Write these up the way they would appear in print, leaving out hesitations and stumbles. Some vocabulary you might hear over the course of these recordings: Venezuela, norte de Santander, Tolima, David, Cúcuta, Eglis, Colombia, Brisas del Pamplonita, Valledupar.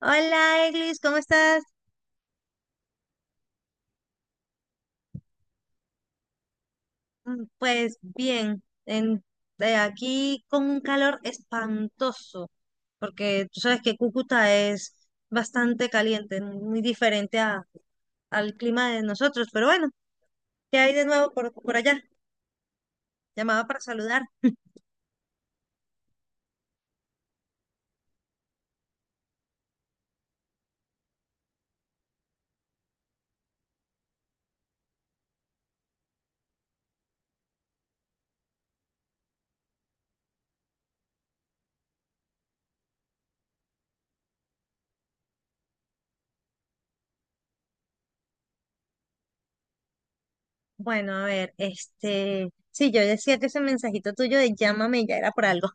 Hola, Eglis, ¿cómo estás? Pues bien, de aquí con un calor espantoso, porque tú sabes que Cúcuta es bastante caliente, muy diferente al clima de nosotros, pero bueno, ¿qué hay de nuevo por allá? Llamaba para saludar. Bueno, a ver, este, sí, yo decía que ese mensajito tuyo de llámame ya era por algo.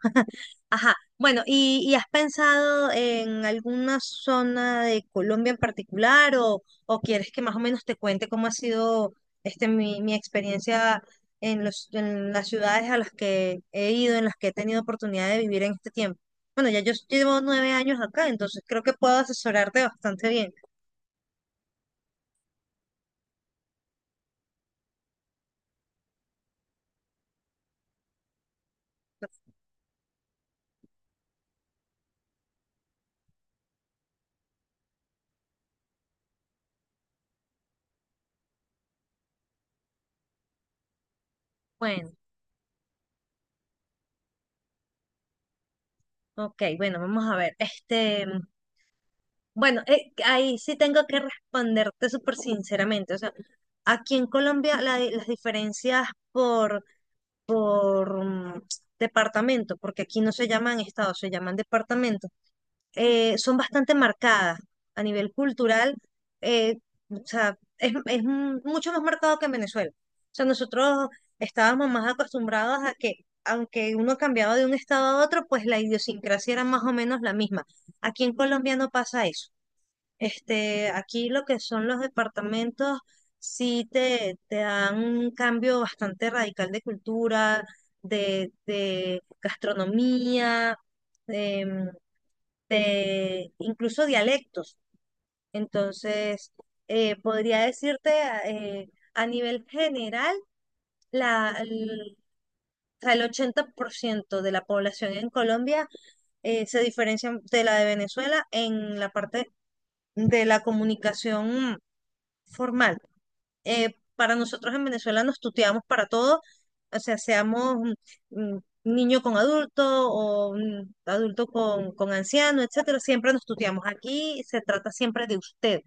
Ajá. Bueno, ¿y has pensado en alguna zona de Colombia en particular o quieres que más o menos te cuente cómo ha sido este, mi experiencia en las ciudades a las que he ido, en las que he tenido oportunidad de vivir en este tiempo? Bueno, ya yo llevo 9 años acá, entonces creo que puedo asesorarte bastante bien. Bueno, ok, bueno, vamos a ver. Este, bueno, ahí sí tengo que responderte súper sinceramente. O sea, aquí en Colombia las diferencias por, por departamento, porque aquí no se llaman estados, se llaman departamentos, son bastante marcadas a nivel cultural. eh, o sea, es, es mucho más marcado que en Venezuela. O sea, nosotros estábamos más acostumbrados a que, aunque uno cambiaba de un estado a otro, pues la idiosincrasia era más o menos la misma. Aquí en Colombia no pasa eso. Este, aquí lo que son los departamentos, sí te dan un cambio bastante radical de cultura, de gastronomía, em, de incluso dialectos. Entonces, podría decirte eh, a nivel general, la, el, o sea, el 80% de la población en Colombia se diferencia de la de Venezuela en la parte de la comunicación formal. Para nosotros en Venezuela nos tuteamos para todo, o sea, seamos niño con adulto o adulto con anciano, etcétera, siempre nos tuteamos. Aquí se trata siempre de usted.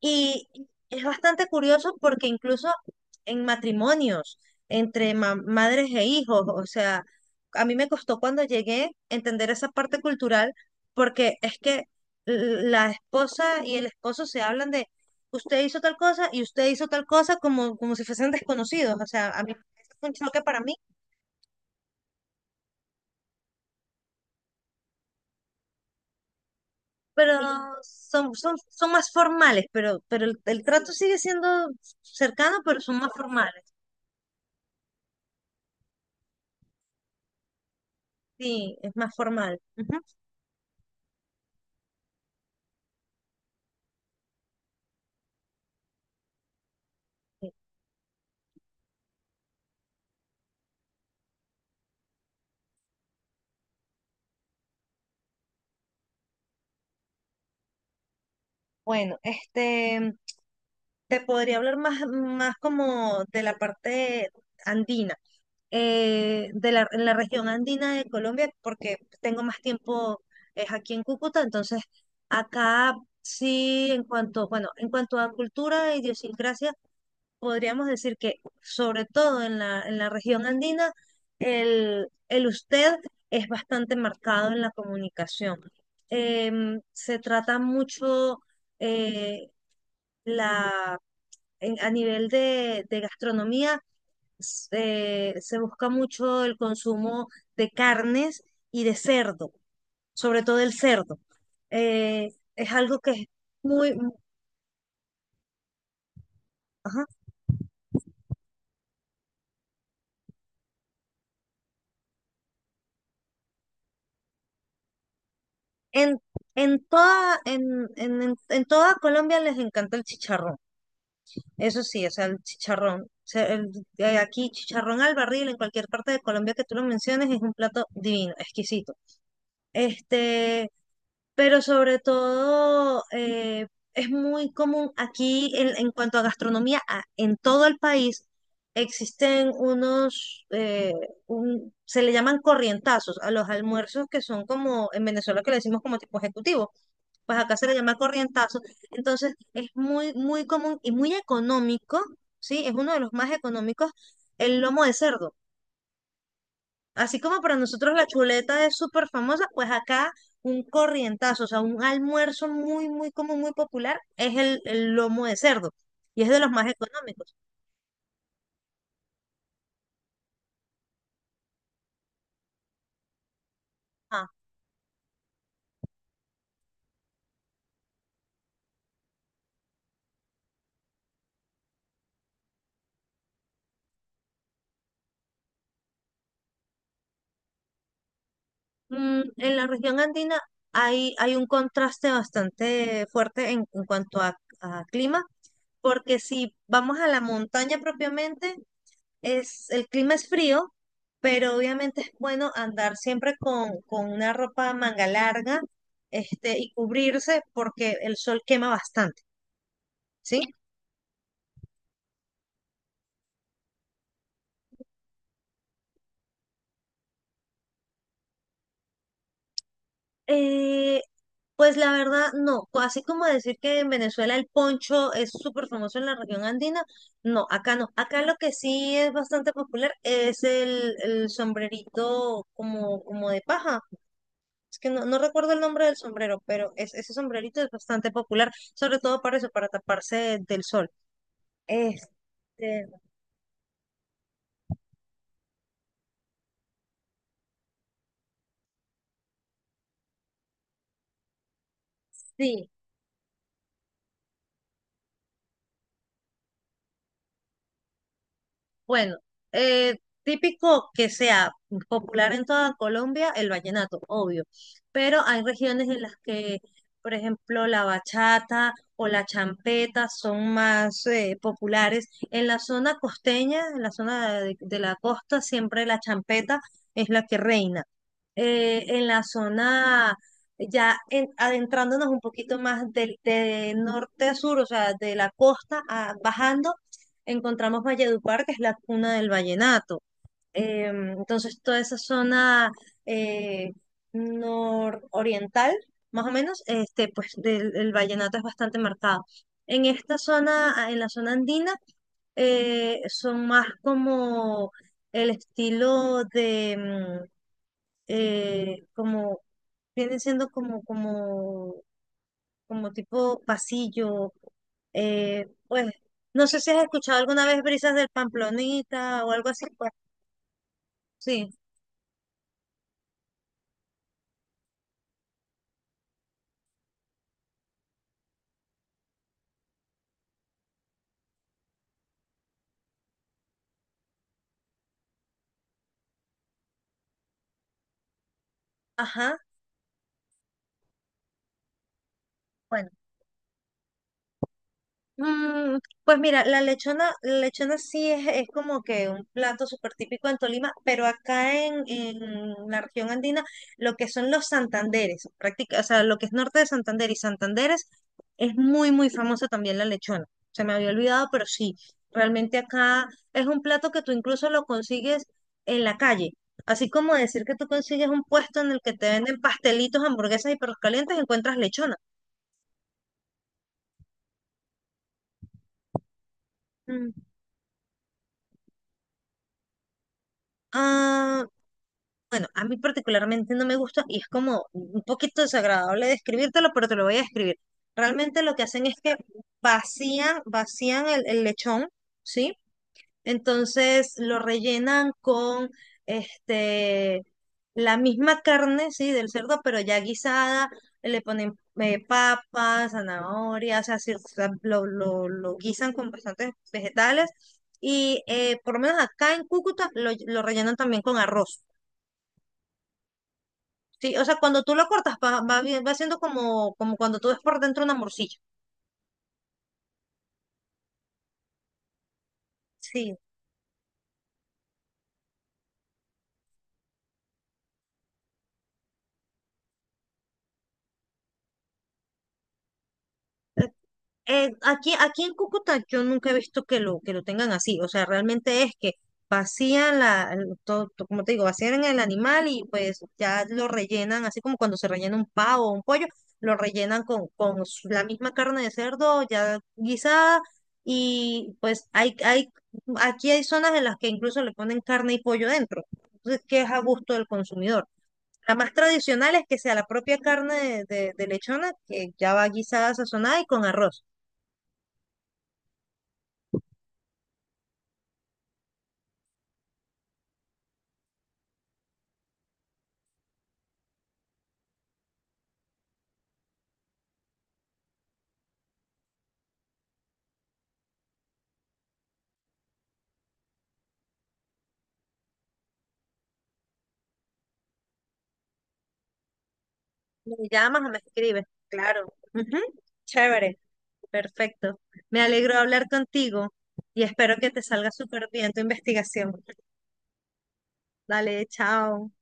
Y es bastante curioso porque incluso en matrimonios entre madres e hijos, o sea, a mí me costó cuando llegué entender esa parte cultural porque es que la esposa y el esposo se hablan de usted hizo tal cosa y usted hizo tal cosa como, como si fuesen desconocidos. O sea, a mí fue un choque para mí, pero son, son, son más formales, pero el trato sigue siendo cercano, pero son más formales. Sí, es más formal. Ujú. Sí. Bueno, este, te podría hablar más como de la parte andina, de en la región andina de Colombia, porque tengo más tiempo es aquí en Cúcuta, entonces acá sí, en cuanto, bueno, en cuanto a cultura e idiosincrasia, podríamos decir que sobre todo en en la región andina, el usted es bastante marcado en la comunicación. Se trata mucho... eh, la, a nivel de gastronomía se busca mucho el consumo de carnes y de cerdo, sobre todo el cerdo. Eh, es algo que es muy... ajá. En, en toda, en, en toda Colombia les encanta el chicharrón. Eso sí, o sea, el chicharrón. O sea, aquí chicharrón al barril, en cualquier parte de Colombia que tú lo menciones, es un plato divino, exquisito. Este, pero sobre todo es muy común aquí en cuanto a gastronomía, en todo el país existen unos, se le llaman corrientazos a los almuerzos que son como en Venezuela que le decimos como tipo ejecutivo, pues acá se le llama corrientazo, entonces es muy, muy común y muy económico, ¿sí? Es uno de los más económicos el lomo de cerdo. Así como para nosotros la chuleta es súper famosa, pues acá un corrientazo, o sea, un almuerzo muy, muy común, muy popular, es el lomo de cerdo y es de los más económicos. Ah, mm, en la región andina hay, hay un contraste bastante fuerte en cuanto a clima, porque si vamos a la montaña propiamente, es, el clima es frío, pero obviamente es bueno andar siempre con una ropa manga larga, este, y cubrirse porque el sol quema bastante, ¿sí? Eh, pues la verdad, no. Así como decir que en Venezuela el poncho es súper famoso en la región andina, no, acá no. Acá lo que sí es bastante popular es el sombrerito como, como de paja. Es que no, no recuerdo el nombre del sombrero, pero es, ese sombrerito es bastante popular, sobre todo para eso, para taparse del sol. Este, sí, bueno, eh, típico que sea popular en toda Colombia el vallenato, obvio, pero hay regiones en las que, por ejemplo, la bachata o la champeta son más populares. En la zona costeña, en la zona de la costa, siempre la champeta es la que reina. En la zona, ya adentrándonos un poquito más del de norte a sur, o sea, de la costa bajando encontramos Valledupar, que es la cuna del vallenato. Entonces, toda esa zona eh, nororiental, más o menos, este, pues del, el vallenato es bastante marcado. En esta zona, ah, en la zona andina, son más como el estilo de, como, vienen siendo como, como tipo pasillo. Pues, no sé si has escuchado alguna vez Brisas del Pamplonita o algo así. Pues, sí, ajá. Bueno, Mm, pues mira, la lechona sí es como que un plato súper típico en Tolima, pero en la región andina, lo que son los Santanderes, práctica, o sea, lo que es norte de Santander y Santanderes, es muy, muy famosa también la lechona. Se me había olvidado, pero sí, realmente acá es un plato que tú incluso lo consigues en la calle. Así como decir que tú consigues un puesto en el que te venden pastelitos, hamburguesas y perros calientes, encuentras lechona. Mm, Ah, Bueno, a mí particularmente no me gusta y es como un poquito desagradable describírtelo, pero te lo voy a describir. Realmente lo que hacen es que vacían el lechón, ¿sí? Entonces lo rellenan con este, la misma carne, ¿sí? Del cerdo, pero ya guisada, le ponen papas, zanahorias, o sea, sí, o sea, lo guisan con bastantes vegetales y por lo menos acá en Cúcuta lo rellenan también con arroz. Sí, o sea, cuando tú lo cortas, va siendo como, como cuando tú ves por dentro una morcilla. Sí. Aquí, aquí en Cúcuta yo nunca he visto que que lo tengan así. O sea, realmente es que vacían la, el- to- to- como te digo, vacían el animal y pues ya lo rellenan, así como cuando se rellena un pavo o un pollo, lo rellenan con, la misma carne de cerdo ya guisada. Y pues aquí hay zonas en las que incluso le ponen carne y pollo dentro. Entonces, que es a gusto del consumidor. La más tradicional es que sea la propia carne de lechona, que ya va guisada, sazonada y con arroz. Me llamas o me escribes. Claro. Ujú. Chévere, perfecto. Me alegro de hablar contigo y espero que te salga súper bien tu investigación. Dale, chao.